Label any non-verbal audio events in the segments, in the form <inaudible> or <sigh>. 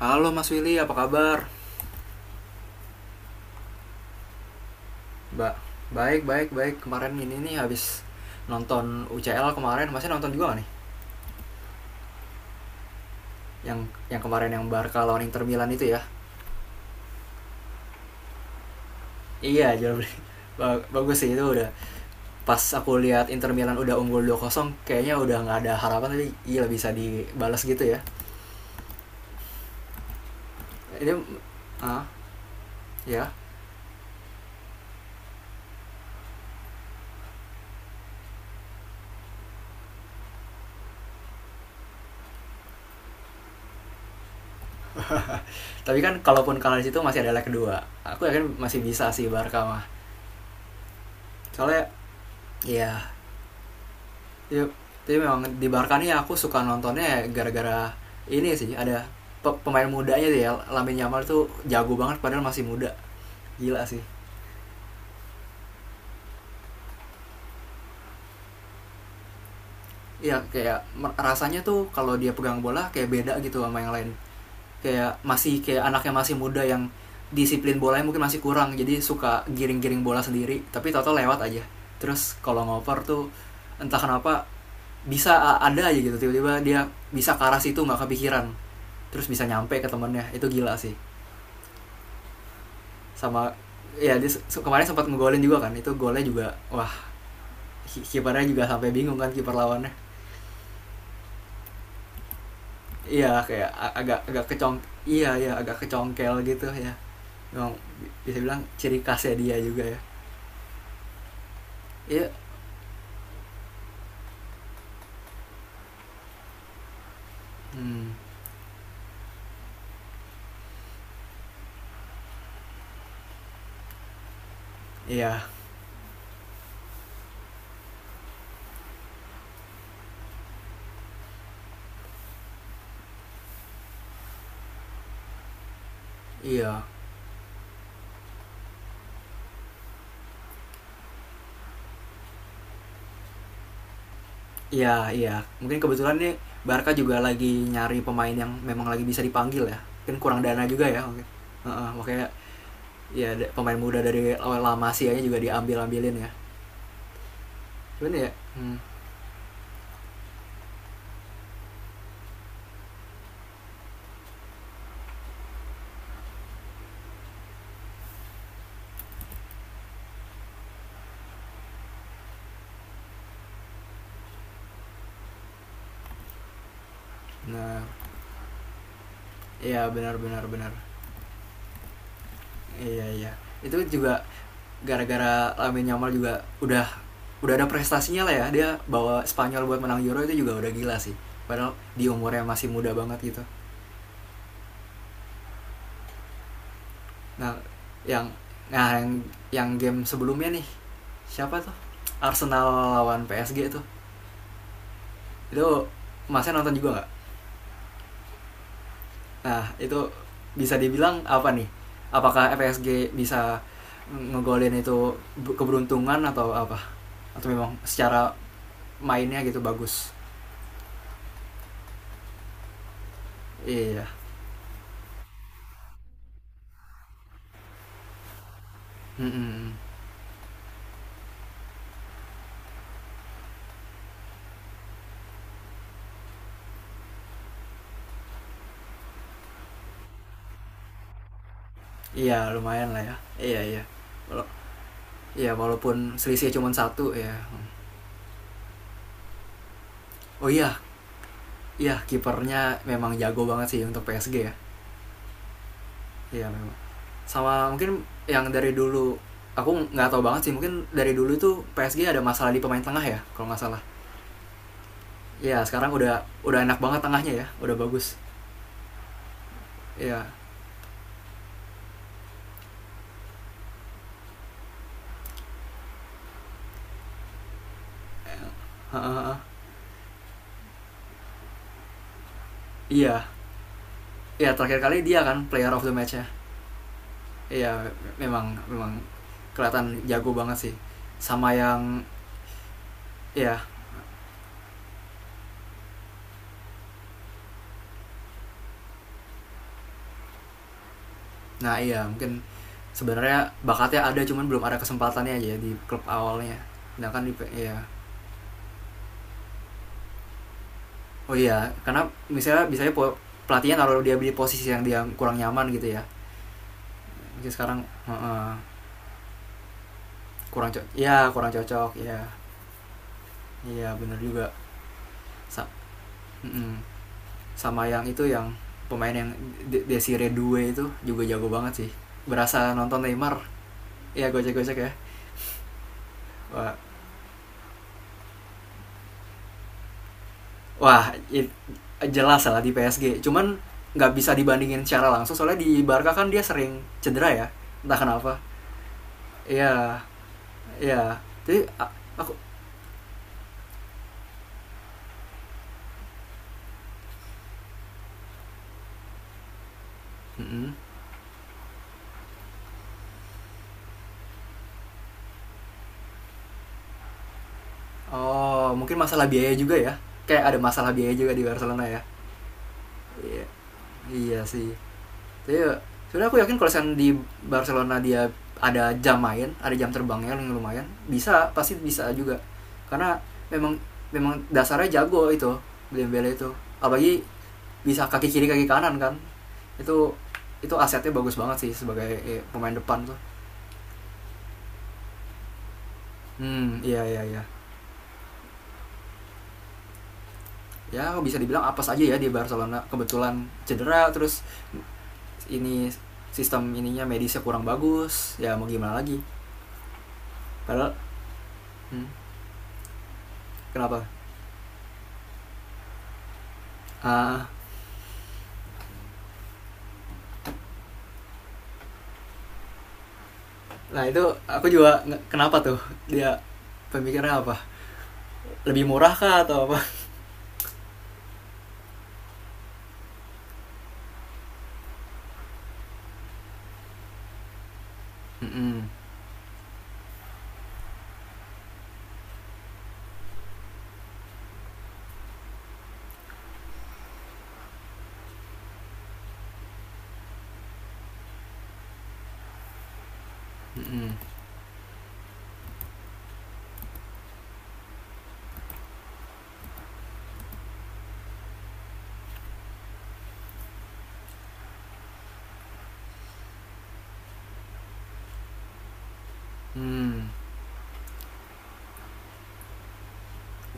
Halo Mas Willy, apa kabar? Mbak, baik, baik, baik. Kemarin ini nih habis nonton UCL kemarin, masnya nonton juga gak nih? Yang kemarin yang Barca lawan Inter Milan itu ya? Iya, jauh <laughs> bagus sih itu udah. Pas aku lihat Inter Milan udah unggul 2-0, kayaknya udah nggak ada harapan, tapi gila bisa dibalas gitu ya. Ini ah, ya. Tapi kan kalaupun kalah di situ masih ada leg kedua. Aku yakin masih bisa sih Barca mah. Soalnya ya, ya tapi memang di Barca nih aku suka nontonnya ya, gara-gara ini sih ada pemain mudanya sih ya. Lamine Yamal tuh jago banget padahal masih muda, gila sih. Iya, kayak rasanya tuh kalau dia pegang bola kayak beda gitu sama yang lain, kayak masih, kayak anaknya masih muda yang disiplin bolanya mungkin masih kurang, jadi suka giring-giring bola sendiri tapi toto lewat aja. Terus kalau ngoper tuh entah kenapa bisa ada aja gitu, tiba-tiba dia bisa ke arah situ nggak kepikiran, terus bisa nyampe ke temennya, itu gila sih. Sama, ya dia kemarin sempat ngegolin juga kan, itu golnya juga, wah, kipernya juga sampai bingung kan, kiper lawannya. Iya kayak agak agak kecong. Iya ya, agak kecongkel gitu ya. Memang bisa bilang ciri khasnya dia juga ya. Iya. Hmm, iya iya iya. Iya mungkin kebetulan nih, Barca juga lagi nyari pemain yang memang lagi bisa dipanggil ya, mungkin kurang dana juga ya mungkin. Heeh, makanya ya pemain muda dari La Masia juga diambil ambilin ya. Cuman ya, hmm, nah, iya benar benar benar. Iya iya. Itu juga gara-gara Lamine Yamal juga udah ada prestasinya lah ya. Dia bawa Spanyol buat menang Euro itu juga udah gila sih. Padahal di umurnya masih muda banget gitu. Nah, yang nah yang, yang game sebelumnya nih. Siapa tuh? Arsenal lawan PSG itu. Itu Masnya nonton juga nggak? Nah, itu bisa dibilang apa nih? Apakah PSG bisa ngegolin itu, keberuntungan atau apa? Atau memang secara mainnya gitu bagus. Iya. Mm-mm. Iya lumayan lah ya, iya iya. Wala- iya walaupun selisih cuma satu ya. Oh iya, iya kipernya memang jago banget sih untuk PSG ya, iya memang. Sama mungkin, yang dari dulu aku nggak tahu banget sih, mungkin dari dulu tuh PSG ada masalah di pemain tengah ya kalau nggak salah. Iya sekarang udah enak banget tengahnya ya, udah bagus. Iya. Heeh, heeh. Iya iya, terakhir kali dia kan player of the match. Iya, memang memang kelihatan jago banget sih. Sama yang, ya, nah iya mungkin sebenarnya bakatnya ada, cuman belum ada kesempatannya aja ya, di klub awalnya. Sedangkan di iya. Oh iya, karena misalnya bisa pelatihnya naruh dia di posisi yang dia kurang nyaman gitu ya. Mungkin sekarang heeh, kurang cocok. Iya, kurang cocok. Iya. Iya, benar juga. Sa- mm-mm. Sama yang itu, yang pemain yang Desire itu juga jago banget sih. Berasa nonton Neymar. Iya, gocek-gocek ya. Wah, wah, i- jelas lah di PSG. Cuman nggak bisa dibandingin secara langsung soalnya di Barca kan dia sering cedera ya. Entah kenapa. Iya, iya. Jadi aku. Mm-mm. Oh, mungkin masalah biaya juga ya. Kayak ada masalah biaya juga di Barcelona ya. Iya, iya sih. Tapi sebenarnya aku yakin kalau misalnya di Barcelona dia ada jam main, ada jam terbangnya yang lumayan, bisa, pasti bisa juga. Karena memang memang dasarnya jago itu Dembele itu, apalagi bisa kaki kiri kaki kanan kan. Itu itu asetnya bagus banget sih sebagai, pemain depan tuh. Hmm iya iya iya. Ya bisa dibilang apa saja ya, di Barcelona kebetulan cedera terus, ini sistem ininya medisnya kurang bagus ya, mau gimana lagi. Padahal, hmm, kenapa, ah nah itu aku juga, kenapa tuh dia pemikirannya apa, lebih murah kah atau apa. Hmm hmm. Hmm,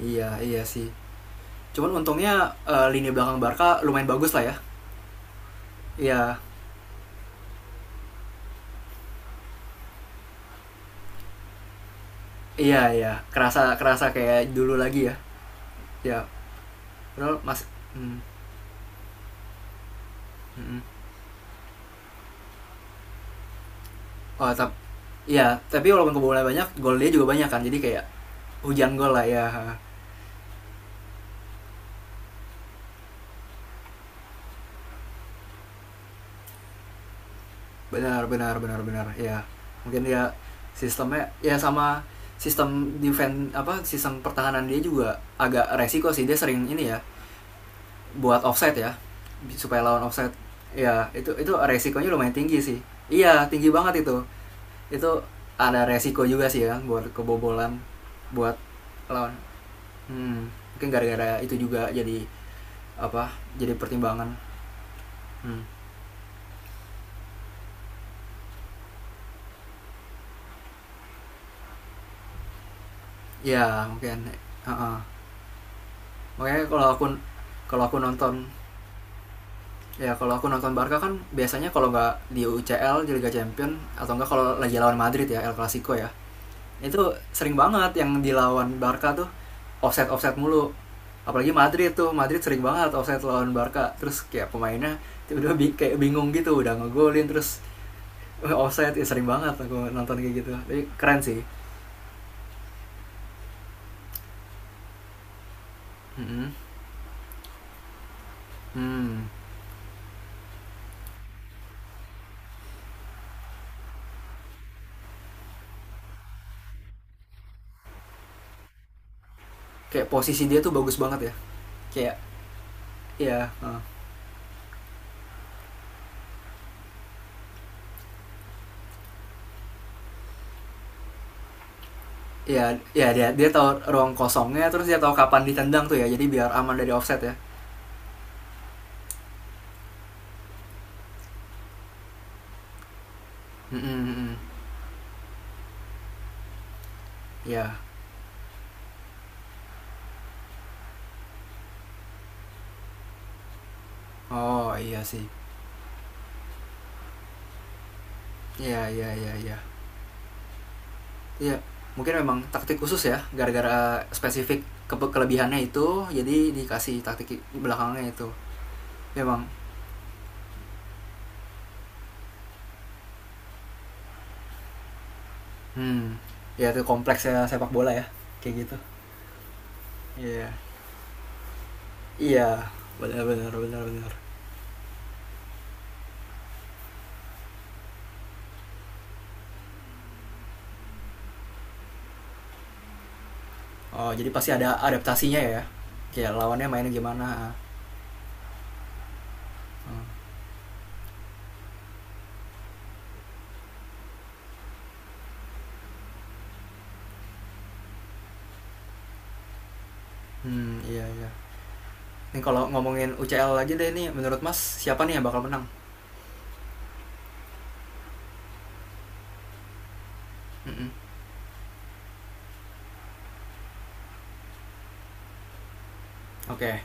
iya iya sih. Cuman untungnya, lini belakang Barca lumayan bagus lah ya. Iya. Iya iya, kerasa kerasa kayak dulu lagi ya. Ya, padahal Mas. Hmm, hmm. Oh, tapi iya, tapi walaupun kebobolan banyak, gol dia juga banyak kan. Jadi kayak hujan gol lah ya. Benar benar benar benar. Ya. Mungkin dia sistemnya ya, sama sistem defense apa sistem pertahanan dia juga agak resiko sih, dia sering ini ya buat offset ya, supaya lawan offset ya. Itu resikonya lumayan tinggi sih. Iya tinggi banget Itu ada resiko juga sih ya, buat kebobolan, buat lawan. Hmm, mungkin gara-gara itu juga jadi apa, jadi pertimbangan. Hmm. Ya mungkin. Heeh. Makanya kalau aku nonton kalau aku nonton Barca kan, biasanya kalau nggak di UCL di Liga Champions, atau enggak kalau lagi lawan Madrid ya El Clasico ya. Itu sering banget yang dilawan Barca tuh offset offset mulu. Apalagi Madrid tuh, Madrid sering banget offset lawan Barca terus, kayak pemainnya udah kayak bingung gitu, udah ngegolin terus, "Eh, offset ya." Sering banget aku nonton kayak gitu tapi keren sih. Mm-mm. hmm Kayak posisi dia tuh bagus banget ya, kayak. Ya, eh, ya ya dia dia tahu ruang kosongnya, terus dia tahu kapan ditendang tuh ya, jadi biar aman dari offset ya. Mm-mm, ya. Oh iya sih, ya ya ya ya. Iya, mungkin memang taktik khusus ya, gara-gara spesifik ke kelebihannya itu, jadi dikasih taktik belakangnya itu. Memang, hmm, ya itu kompleksnya sepak bola ya, kayak gitu. Iya, iya, benar benar benar benar. Oh, jadi pasti ada adaptasinya ya, kayak lawannya mainnya gimana. Hmm, iya iya. Ini kalau ngomongin UCL aja deh nih, menurut Mas siapa nih yang bakal menang? Mm-mm. Oke.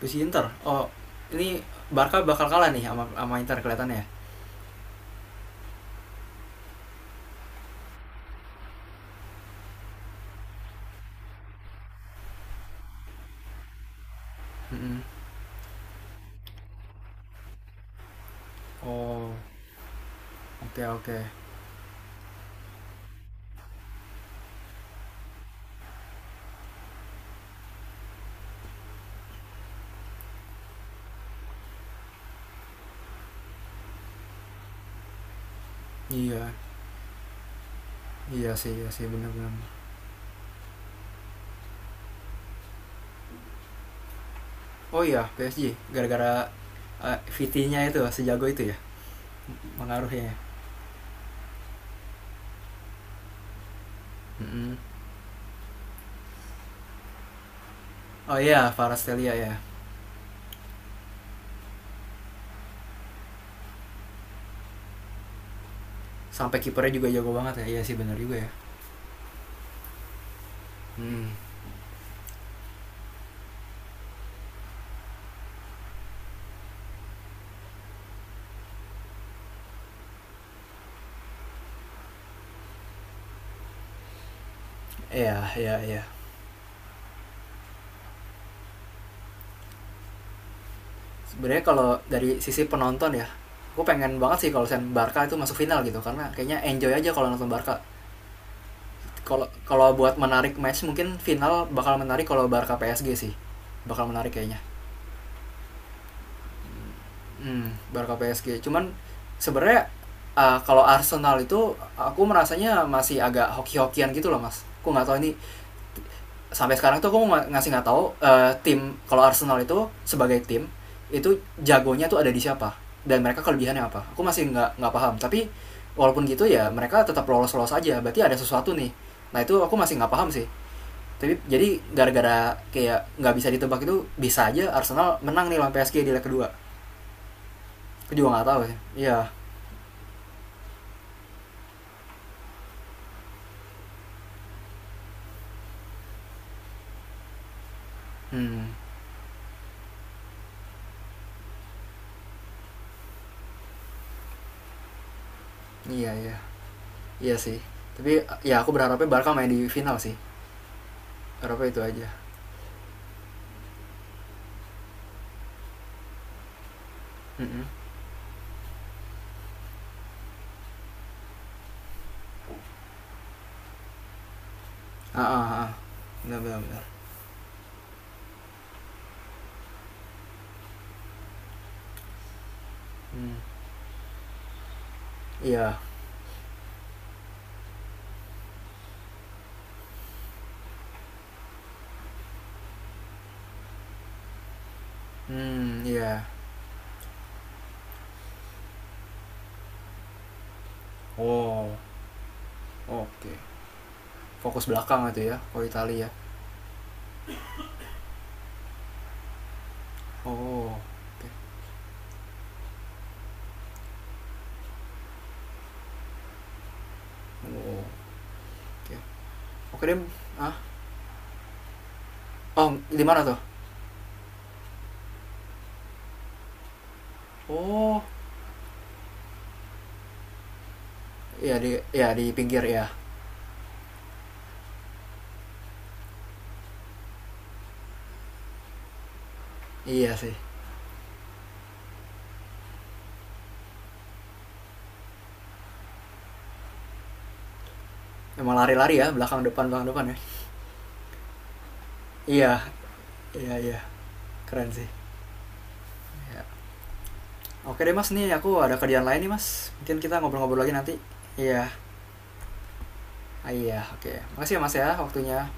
Puisi Inter. Oh, ini Barca bakal kalah nih, sama sama Inter kelihatannya ya? Mm-mm. Oh, oke oke. Iya iya sih, iya sih, benar-benar. Oh iya PSG, gara-gara, VT-nya itu sejago itu ya pengaruhnya ya? Mm-mm. Oh iya Kvaratskhelia ya. Sampai kipernya juga jago banget ya. Iya sih benar juga ya. Hmm. Iya iya iya. Sebenarnya kalau dari sisi penonton ya, gue pengen banget sih kalau Barca itu masuk final gitu, karena kayaknya enjoy aja kalau nonton Barca. Kalau kalau buat menarik match, mungkin final bakal menarik kalau Barca PSG sih. Bakal menarik kayaknya. Hmm, Barca PSG. Cuman sebenarnya, kalau Arsenal itu aku merasanya masih agak hoki-hokian gitu loh mas. Aku nggak tahu ini, sampai sekarang tuh aku ngasih nggak tahu, tim kalau Arsenal itu sebagai tim itu jagonya tuh ada di siapa dan mereka kelebihannya apa. Aku masih nggak paham. Tapi walaupun gitu ya mereka tetap lolos-lolos aja. Berarti ada sesuatu nih. Nah itu aku masih nggak paham sih. Tapi jadi gara-gara kayak nggak bisa ditebak itu, bisa aja Arsenal menang nih lawan PSG di leg kedua. Aku juga nggak tahu sih. Iya. Hmm, iya iya iya sih. Tapi ya aku berharapnya Barca main di final sih. Harapnya itu aja. Mm-mm. Ah ah ah. Benar benar benar. Hmm, iya. Hmm, iya. Oh, oke. Fokus belakang itu ya, kalau Italia. Oh, oke. Oh, oke. Oke deh. Ah, oh di mana tuh? Oh, iya di, ya, di pinggir ya. Iya sih. Emang lari-lari ya, belakang depan ya. Iya, iya iya. Keren sih. Oke deh mas, nih aku ada kerjaan lain nih mas. Mungkin kita ngobrol-ngobrol lagi nanti. Iya, iya, oke. Makasih ya mas ya waktunya.